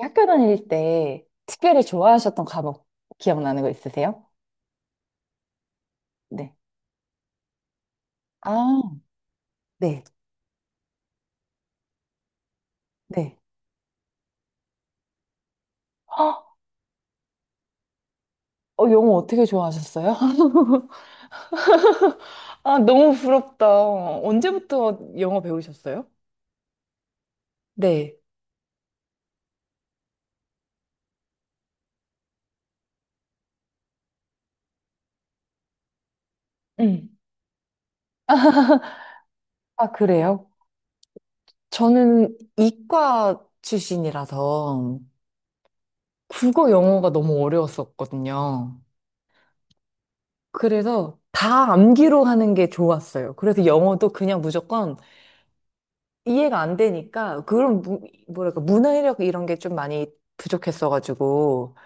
학교 다닐 때 특별히 좋아하셨던 과목 기억나는 거 있으세요? 네. 아, 네, 네. 헉, 영어 어떻게 좋아하셨어요? 아, 너무 부럽다. 언제부터 영어 배우셨어요? 네. 음. 아, 그래요? 저는 이과 출신이라서 국어 영어가 너무 어려웠었거든요. 그래서 다 암기로 하는 게 좋았어요. 그래서 영어도 그냥 무조건 이해가 안 되니까 뭐랄까 문해력 이런 게 좀 많이 부족했어가지고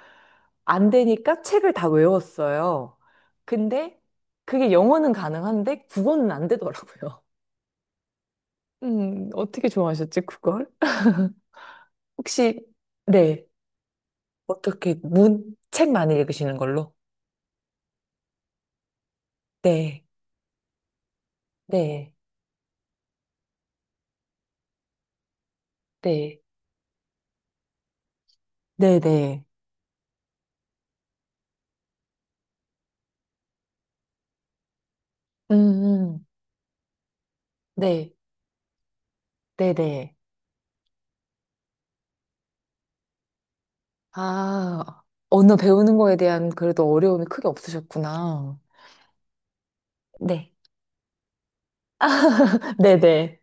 안 되니까 책을 다 외웠어요. 근데 그게 영어는 가능한데 국어는 안 되더라고요. 어떻게 좋아하셨지, 그걸? 혹시, 네, 책 많이 읽으시는 걸로? 네, 네, 네, 네, 네. 음, 음. 네, 네, 네. 아, 언어 배우는 거에 대한 그래도 어려움이 크게 없으셨구나. 네. 네네.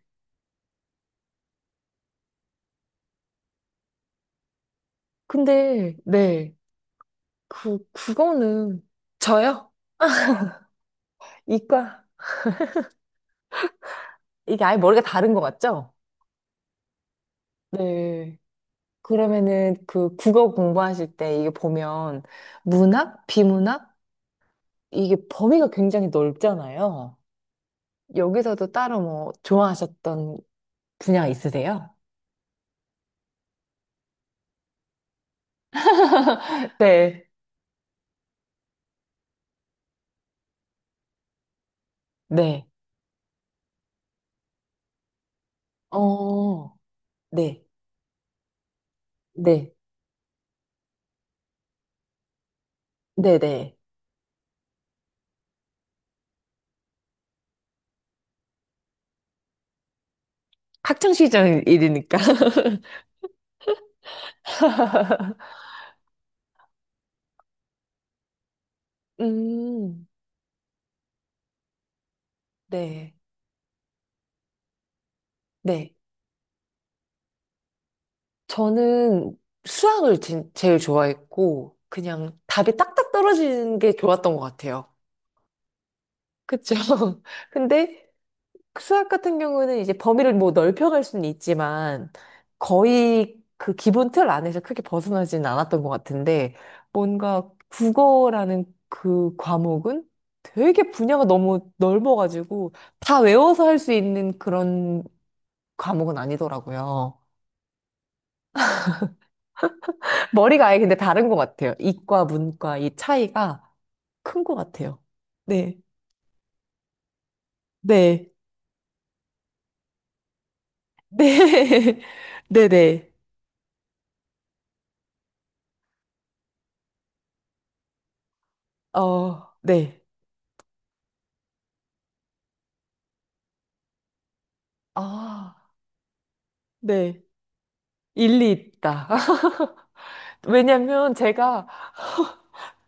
근데, 네. 그거는, 저요? 이과, 이게 아예 머리가 다른 것 같죠? 네. 그러면은 그 국어 공부하실 때 이게 보면 문학, 비문학? 이게 범위가 굉장히 넓잖아요. 여기서도 따로 뭐 좋아하셨던 분야 있으세요? 네. 네. 어, 네. 네. 네네. 학창 시절 일이니까. 음, 네. 네. 저는 제일 좋아했고, 그냥 답이 딱딱 떨어지는 게 좋았던 것 같아요. 그쵸? 근데 수학 같은 경우는 이제 범위를 뭐 넓혀갈 수는 있지만, 거의 그 기본 틀 안에서 크게 벗어나지는 않았던 것 같은데, 뭔가 국어라는 그 과목은 되게 분야가 너무 넓어가지고, 다 외워서 할 수 있는 그런 과목은 아니더라고요. 머리가 아예 근데 다른 것 같아요. 이과, 문과 이 차이가 큰 것 같아요. 네, 네, 네, 네, 네, 어, 네, 아, 네, 일리 있다. 왜냐면 제가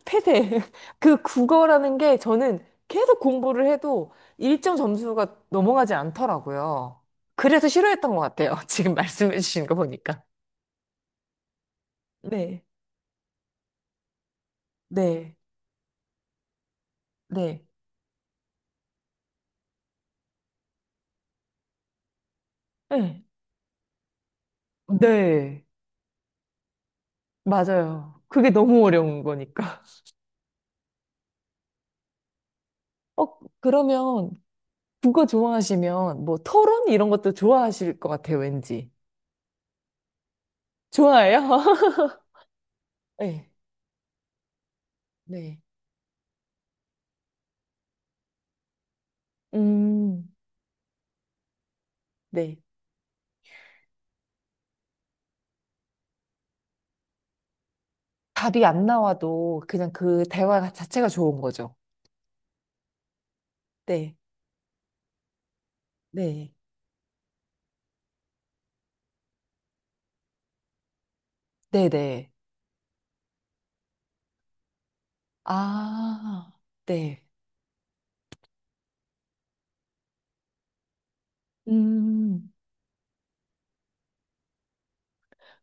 폐쇄, 그 국어라는 게 저는 계속 공부를 해도 일정 점수가 넘어가지 않더라고요. 그래서 싫어했던 것 같아요. 지금 말씀해 주신 거 보니까. 네, 네, 네. 네. 네. 맞아요. 그게 너무 어려운 거니까. 어, 그러면 국어 좋아하시면 뭐 토론 이런 것도 좋아하실 것 같아요, 왠지. 좋아해요? 네, 네. 음, 네. 답이 안 나와도 그냥 그 대화 자체가 좋은 거죠. 네, 네, 네, 네. 아, 네. 음,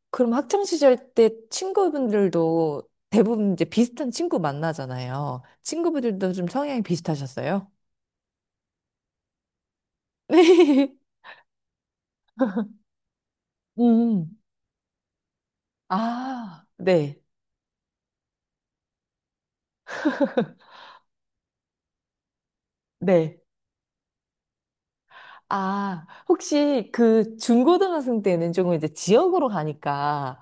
그럼 학창 시절 때 친구분들도 대부분 이제 비슷한 친구 만나잖아요. 친구분들도 좀 성향이 비슷하셨어요? 네. 음. 아, 네. 네. 아, 혹시 그 중고등학생 때는 조금 이제 지역으로 가니까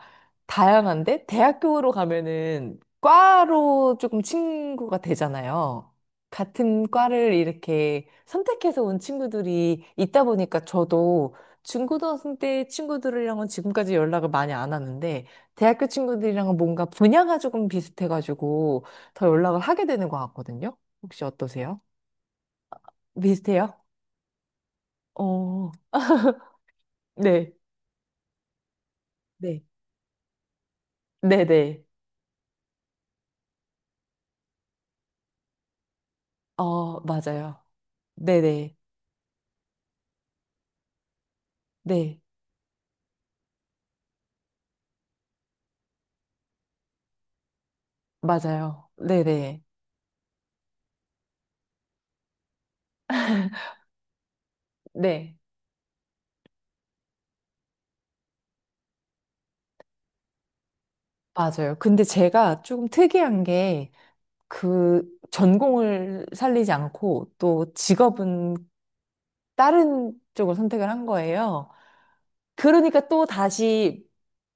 다양한데 대학교로 가면은 과로 조금 친구가 되잖아요. 같은 과를 이렇게 선택해서 온 친구들이 있다 보니까 저도 중고등학생 때 친구들이랑은 지금까지 연락을 많이 안 하는데 대학교 친구들이랑은 뭔가 분야가 조금 비슷해가지고 더 연락을 하게 되는 것 같거든요. 혹시 어떠세요? 비슷해요? 어, 네. 네. 네네. 어, 맞아요. 네네. 네. 맞아요. 네네. 네. 맞아요. 근데 제가 조금 특이한 게 그 전공을 살리지 않고 또 직업은 다른 쪽을 선택을 한 거예요. 그러니까 또 다시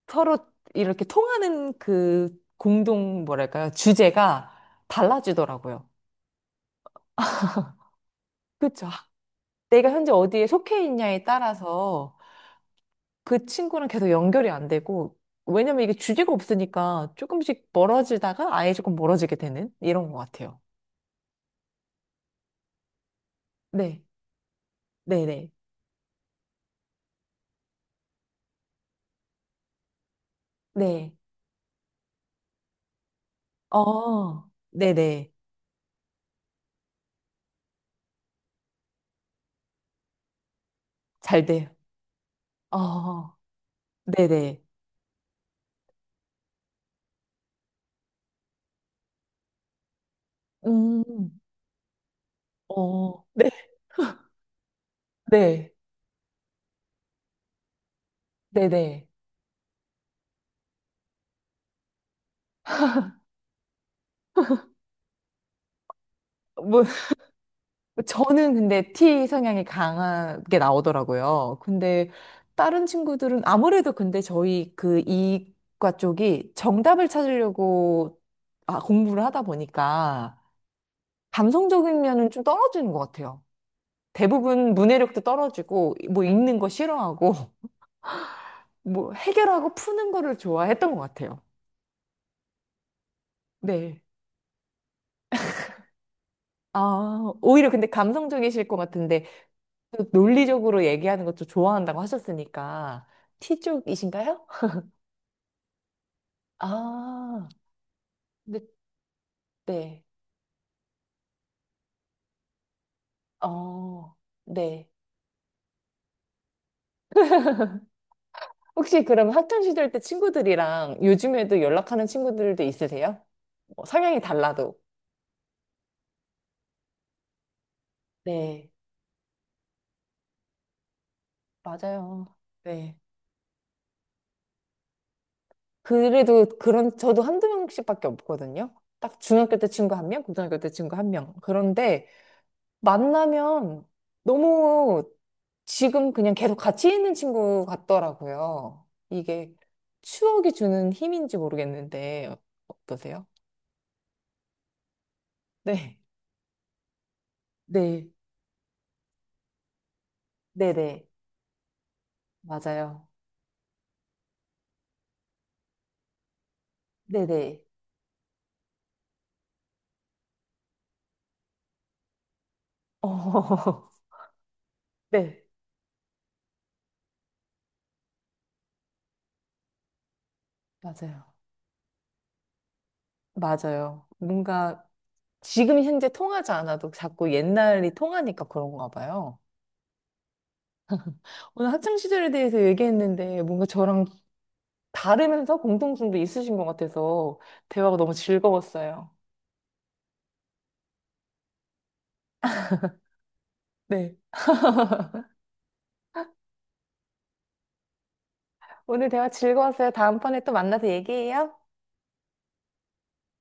서로 이렇게 통하는 그 공동 뭐랄까요? 주제가 달라지더라고요. 그렇죠. 내가 현재 어디에 속해 있냐에 따라서 그 친구랑 계속 연결이 안 되고, 왜냐면 이게 주제가 없으니까 조금씩 멀어지다가 아예 조금 멀어지게 되는 이런 것 같아요. 네, 네네, 네. 어, 네네. 잘 돼요. 어, 네네. 음, 어, 네, 네, 네네. 뭐 저는 근데 T 성향이 강하게 나오더라고요. 근데 다른 친구들은 아무래도 근데 저희 그 이과 쪽이 정답을 찾으려고 아, 공부를 하다 보니까 감성적인 면은 좀 떨어지는 것 같아요. 대부분 문해력도 떨어지고 뭐 읽는 거 싫어하고 뭐 해결하고 푸는 거를 좋아했던 것 같아요. 네. 아, 오히려 근데 감성적이실 것 같은데 또 논리적으로 얘기하는 것도 좋아한다고 하셨으니까 T 쪽이신가요? 아, 네, 네. 어, 네. 혹시 그럼 학창 시절 때 친구들이랑 요즘에도 연락하는 친구들도 있으세요? 뭐 성향이 달라도. 네, 맞아요. 네. 그래도 그런, 저도 한두 명씩밖에 없거든요. 딱 중학교 때 친구 한 명, 고등학교 때 친구 한 명. 그런데 만나면 너무 지금 그냥 계속 같이 있는 친구 같더라고요. 이게 추억이 주는 힘인지 모르겠는데 어떠세요? 네. 네, 네네, 맞아요. 네네. 어, 네, 맞아요. 맞아요. 뭔가 지금 현재 통하지 않아도 자꾸 옛날이 통하니까 그런가 봐요. 오늘 학창 시절에 대해서 얘기했는데 뭔가 저랑 다르면서 공통점도 있으신 것 같아서 대화가 너무 즐거웠어요. 네. 오늘 대화 즐거웠어요. 다음번에 또 만나서 얘기해요.